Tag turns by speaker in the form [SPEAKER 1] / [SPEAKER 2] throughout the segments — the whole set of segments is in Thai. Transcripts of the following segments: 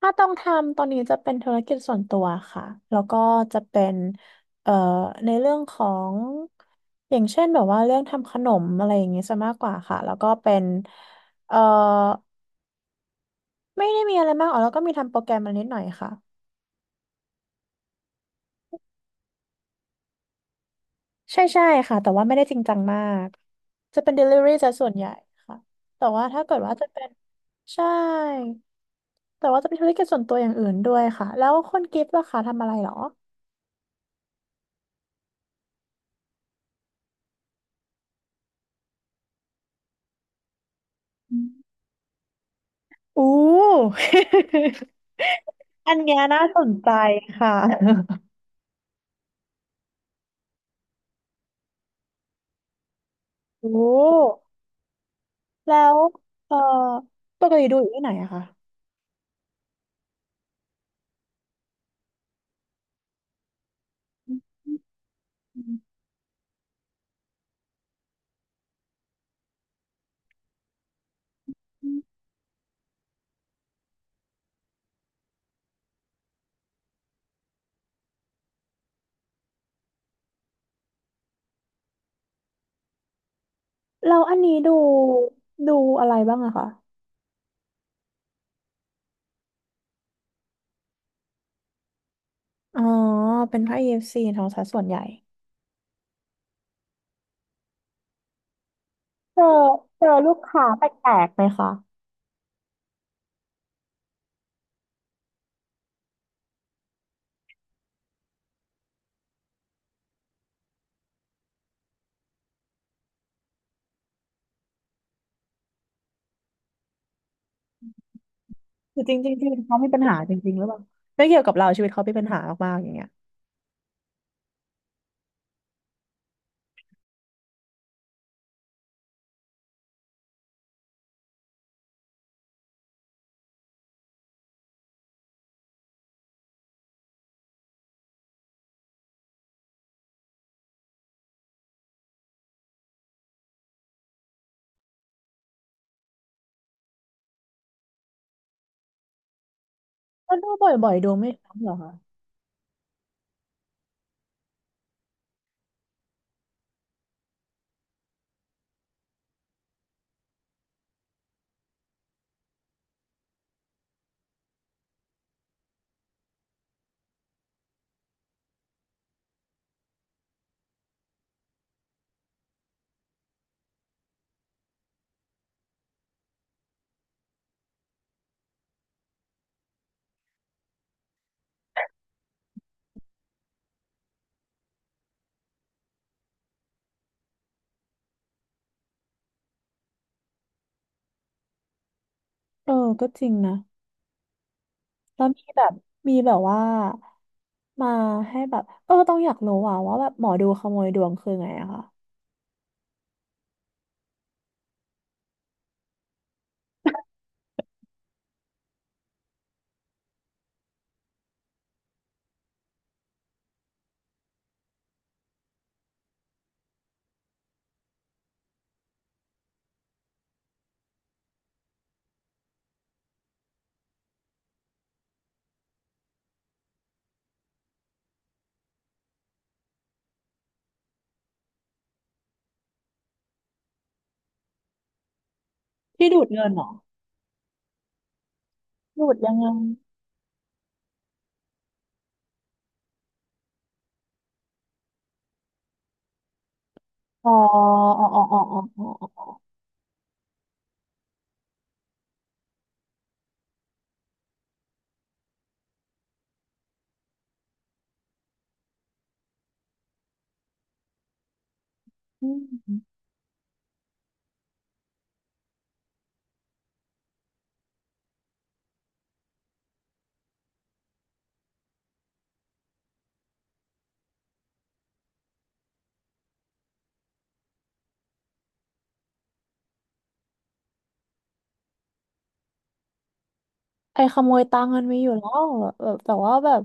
[SPEAKER 1] ถ้าต้องทำตอนนี้จะเป็นธุรกิจส่วนตัวค่ะ แล้วก็จะเป็นเอ่อในเรื่องของอย่างเช่นแบบว่าเรื่องทำขนมอะไรอย่างเงี้ยซะมากกว่าค่ะ แล้วก็เป็นเอ่อไม่ได้มีอะไรมากอ๋อแล้วก็มีทำโปรแกรมมานิดหน่อยค่ะใช่ใช่ค่ะแต่ว่าไม่ได้จริงจังมากจะเป็น delivery ซะส่วนใหญ่ค่ะแต่ว่าถ้าเกิดว่าจะเป็นใช่แต่ว่าจะเป็นธุรกิจส่วนตัวอย่างอื่นด้วยค่ะแล้วคนกิฟต์ล่ะคะทำอะไรเหรออม อู้ อันเนี้ยน่าสนใจค่ะ โอ้ แล้วเอ่อปกติดูอยู่ที่ไหนอะคะอืมแล้วอันนี้ดู ดูอะไรบ้างอะคะอ๋อ เป็นค่าย EFC ทองซะสายส่วนใหญ่ เจอเจอลูกค้าแปลกๆไหมคะคือจริงๆชีวิตเขามีปัญหาจริงๆหรือเปล่าไม่เกี่ยวกับเราชีวิตเขามีปัญหามากๆอย่างเงี้ยก็ดูบ่อยๆดูไม่ซ้ำเหรอคะเออ ก็จริงนะ แล้วมีแบบมีแบบว่ามาให้แบบเออต้องอยากรู้อ่ะว่าแบบหมอดูขโมยดวงคือไงอะคะที่ดูดเงินเหรอดูดยังไงอ๋ออ๋ออ๋ออ๋ออ๋ออ๋ออืมไอ้ขโมยตังค์มันมีอยู่แล้วแบบแต่ว่าแบบ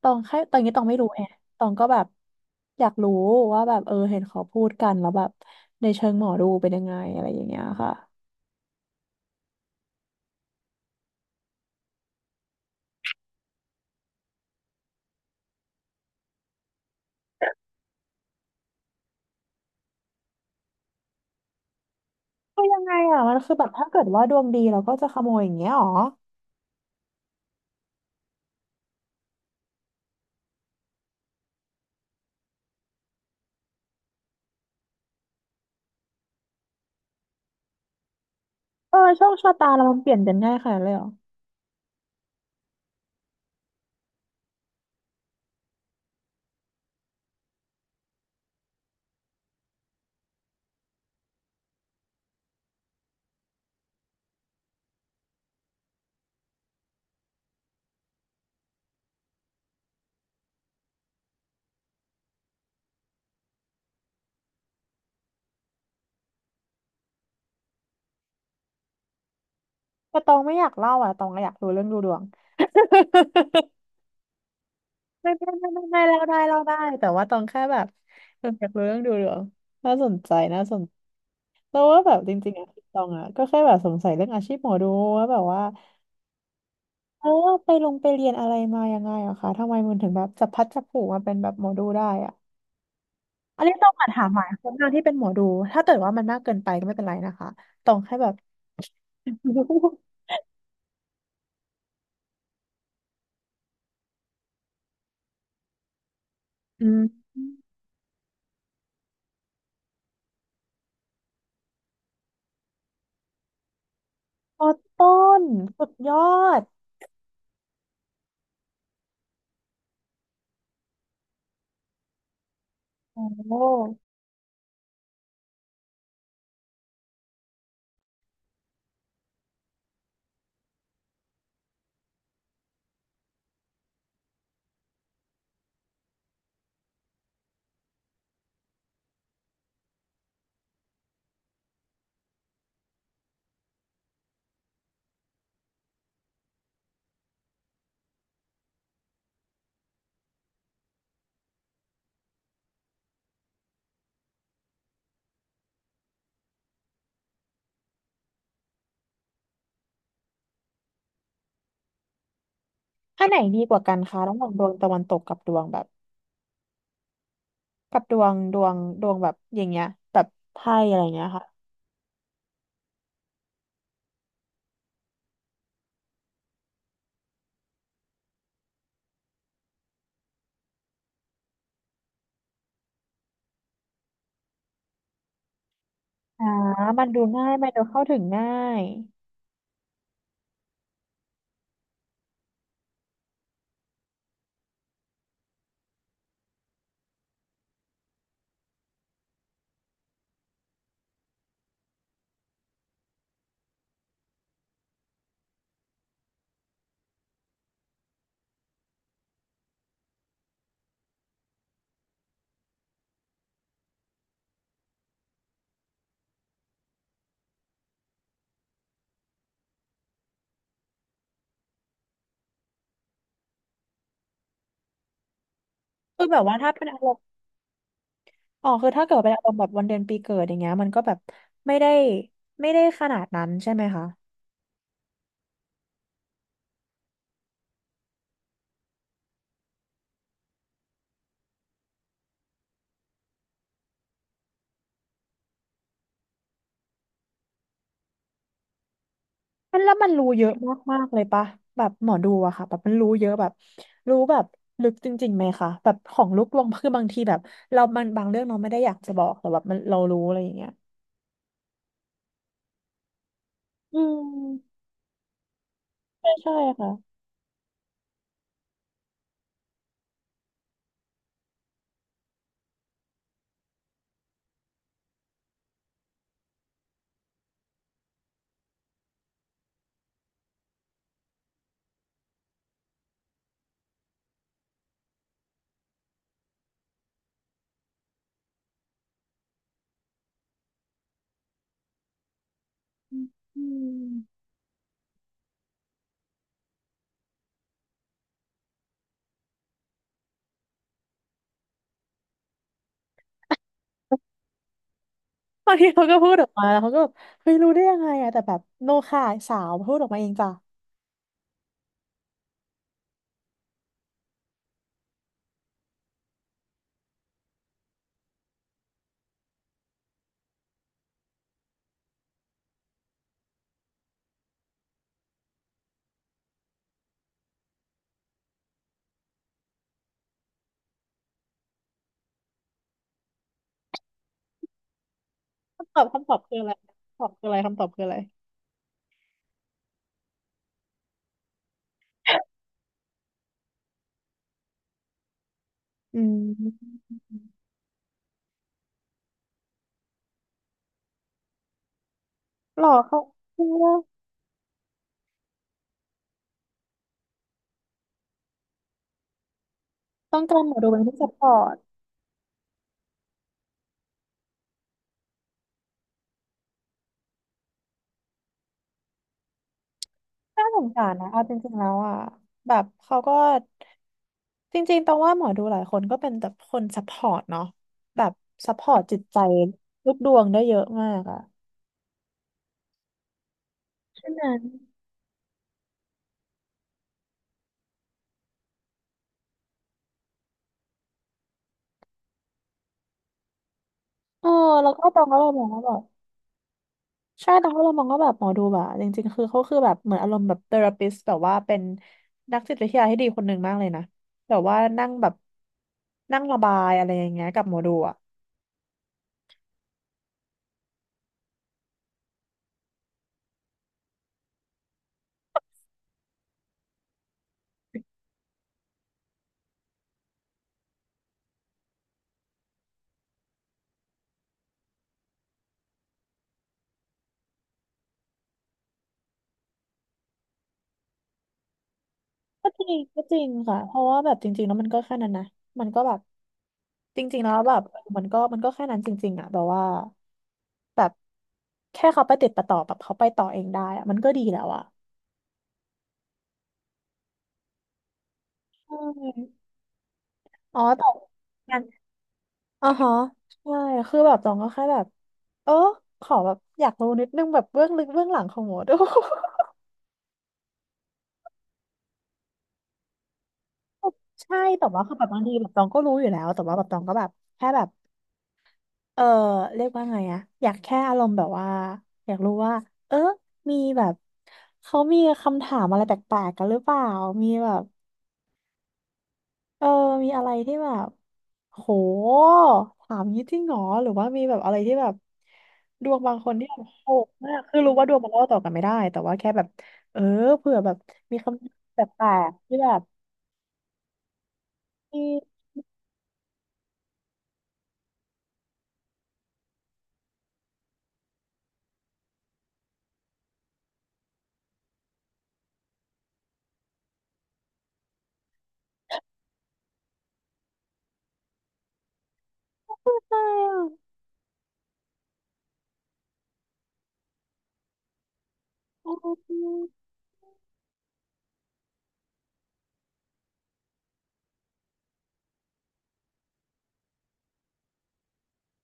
[SPEAKER 1] ตองแค่ตอนนี้ตองไม่รู้ไงตองก็แบบอยากรู้ว่าแบบเออเห็นเขาพูดกันแล้วแบบในเชิงหมอดูเป็นยังไงอะไรอย่างเงี้ยค่ะคือยังไงอ่ะมันคือแบบถ้าเกิดว่าดวงดีเราก็จะขโมยอย่างเงี้ยหรอเออโชคชะตาเรามันเปลี่ยนกันง่ายขนาดนั้นเลยเหรอ แต่ตองไม่อยากเล่าอ่ะตองอยากรู้เรื่องดูดวง ไม่ไม่ไม่ไม่ไม่เล่าได้เล่าได้แต่ว่าตองแค่แบบตองอยากรู้เรื่องดูดวงน่าสนใจน่าสนแล้วว่าแบบจริงๆอะตองอ่ะก็แค่แบบสงสัยเรื่องอาชีพหมอดูว่าแบบว่าเออไปลงไปเรียนอะไรมายังไงอะคะทำไมมันถึงแบบจับพลัดจับผลูมาเป็นแบบหมอดูได้อ่ะอันนี้ต้องมาถามหมายคนหนานที่เป็นหมอดูถ้าเกิดว่ามันมากเกินไปก็ไม่เป็นไรนะคะตองแค่แบบ อืมพอต้นสุดยอด โอ้ถ้าไหนดีกว่ากันคะระหว่างดวงตะวันตกกับดวงแบบกับดวงดวงดวงแบบอย่างเงี้ยแบบไพ่อะไรเงี้ยค่ะอ่ามันดูง่ายมันดูเข้าถึงง่ายคือแบบว่าถ้าเป็นอารมณ์อ๋อคือถ้าเกิดเป็นอารมณ์แบบวันเดือนปีเกิดอย่างเงี้ยมันก็แบบไม่ได้ไม่ได้ขนาดนั้นใช่ไหมคะมันแล้วมันรู้เยอะมากๆเลยปะแบบหมอดูอะค่ะแบบมันรู้เยอะแบบรู้แบบลึกจริงๆไหมคะแบบของลูกดวงคือบางทีแบบเรามันบางเรื่องเราไม่ได้อยากจะบอกแต่แบบมันเรารู้อะไรอย่างเงี้ย อืมใช่ใช่ค่ะอืมบางทีเขาก็พูดออกมาแล้วเขาก็แบบเฮ้ยรู้ได้ยังไงอะแต่แบบโนค่ะสาวพูดออกมาเองจ้ะคำตอบคืออะไรคำตอบคืออะไรคำตอบคืออะไรอืมหรอเขาคิดว่าต้องการหมอดูเป็นที่ซัพพอร์ตน่าสงสารนะเอาจริงๆแล้วอ่ะแบบเขาก็จริงๆตรงว่าหมอดูหลายคนก็เป็นแบบคนซัพพอร์ตเนาะแบบซัพพอร์ตจิตใจลูกดวงได้เยอะมากอ่ะฉะนั้นเออแล้วก็ตองก็เลยมองว่าแบบ ใช่ตองก็เลยมองว่าแบบหมอดูแบบจริงๆคือเขาคือแบบเหมือนอารมณ์แบบเทอราปิสแบบว่าเป็นนักจิตวิทยาที่ดีคนหนึ่งมากเลยนะแบบว่านั่งแบบนั่งระบายอะไรอย่างเงี้ยกับหมอดูอ่ะก็จริงก็จริงค่ะเพราะว่าแบบจริงๆแล้วมันก็แค่นั้นนะมันก็แบบจริงๆแล้วแบบมันก็มันก็แค่นั้นจริงๆอ่ะแบบว่าแบบแค่เขาไปติดประต่อแบบเขาไปต่อเองได้อะมันก็ดีแล้วอ่ะใช่อ๋อแต่ อ๋อฮะใช่คือแบบตองก็แค่แบบเออขอแบบอยากรู้นิดนึงแบบเบื้องลึกเบื้องหลังของหมอดู ใช่แต่ว่าคือแบบบางทีแบบตองก็รู้อยู่แล้วแต่ว่าแบบตองก็แบบแค่แบบเออเรียกว่าไงอะอยากแค่อารมณ์แบบว่าอยากรู้ว่าเออมีแบบเขามีคำถามอะไรแปลกๆกันหรือเปล่ามีแบบ เออมีอะไรที่แบบโหถามงี้จริงเหรอหรือว่ามีแบบอะไรที่แบบดวงบางคนที่แบบโหดมากคือรู้ว่าดวงมันเล่าต่อกันไม่ได้แต่ว่าแค่แบบเออเผื่อแบบมีคำแปลกๆที่แบบมีอะไรอ่ะโอ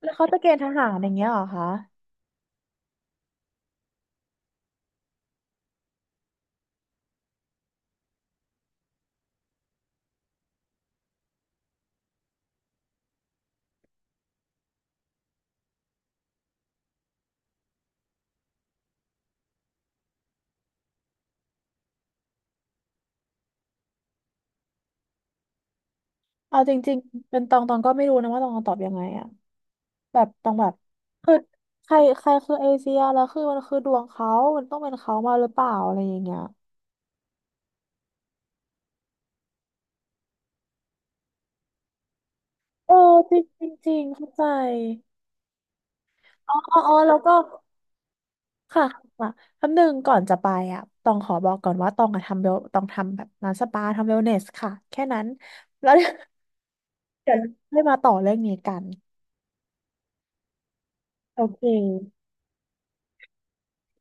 [SPEAKER 1] แล้วเขาจะเกณฑ์ทหารอย่างเงี้ยเหรอคะเอาจริงๆเป็นตองตองก็ไม่รู้นะว่าตองตอบยังไงอะแบบตองแบบคือใครใครคือเอเชียแล้วคือมันคือดวงเขามันต้องเป็นเขามาหรือเปล่าอะไรอย่างเงี้ย เออจริงจริงจริงเข้าใจอ๋ออ๋ออ๋อแล้วก็ค่ะค่ะคำหนึ่งก่อนจะไปอ่ะตองขอบอกก่อนว่าตองอะทำเวลตองทำแบบร้านสปาทำเวลเนสค่ะแค่นั้นแล้วเดี๋ยวเดค่อยมาต่อเรื่องนี้กันโอเค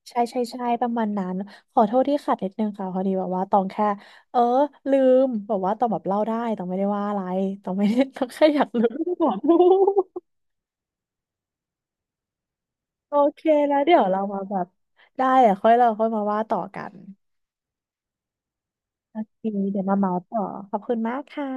[SPEAKER 1] ใช่ใช่ใช่ประมาณนั้นขอโทษที่ขัดนิดนึงค่ะพอดีแบบว่าตองแค่เออลืมแบบว่าตองแบบเล่าได้ตองไม่ได้ว่าอะไรตองไม่ได้ ตองแค่อยากรู้ ขอโทษโอเคแล้วเดี๋ยวเรามาแบบได้อะค่อยเราค่อยมาว่าต่อกัน โอเค เดี๋ยวมาเมาส์ต่อ ขอบคุณมากค่ะ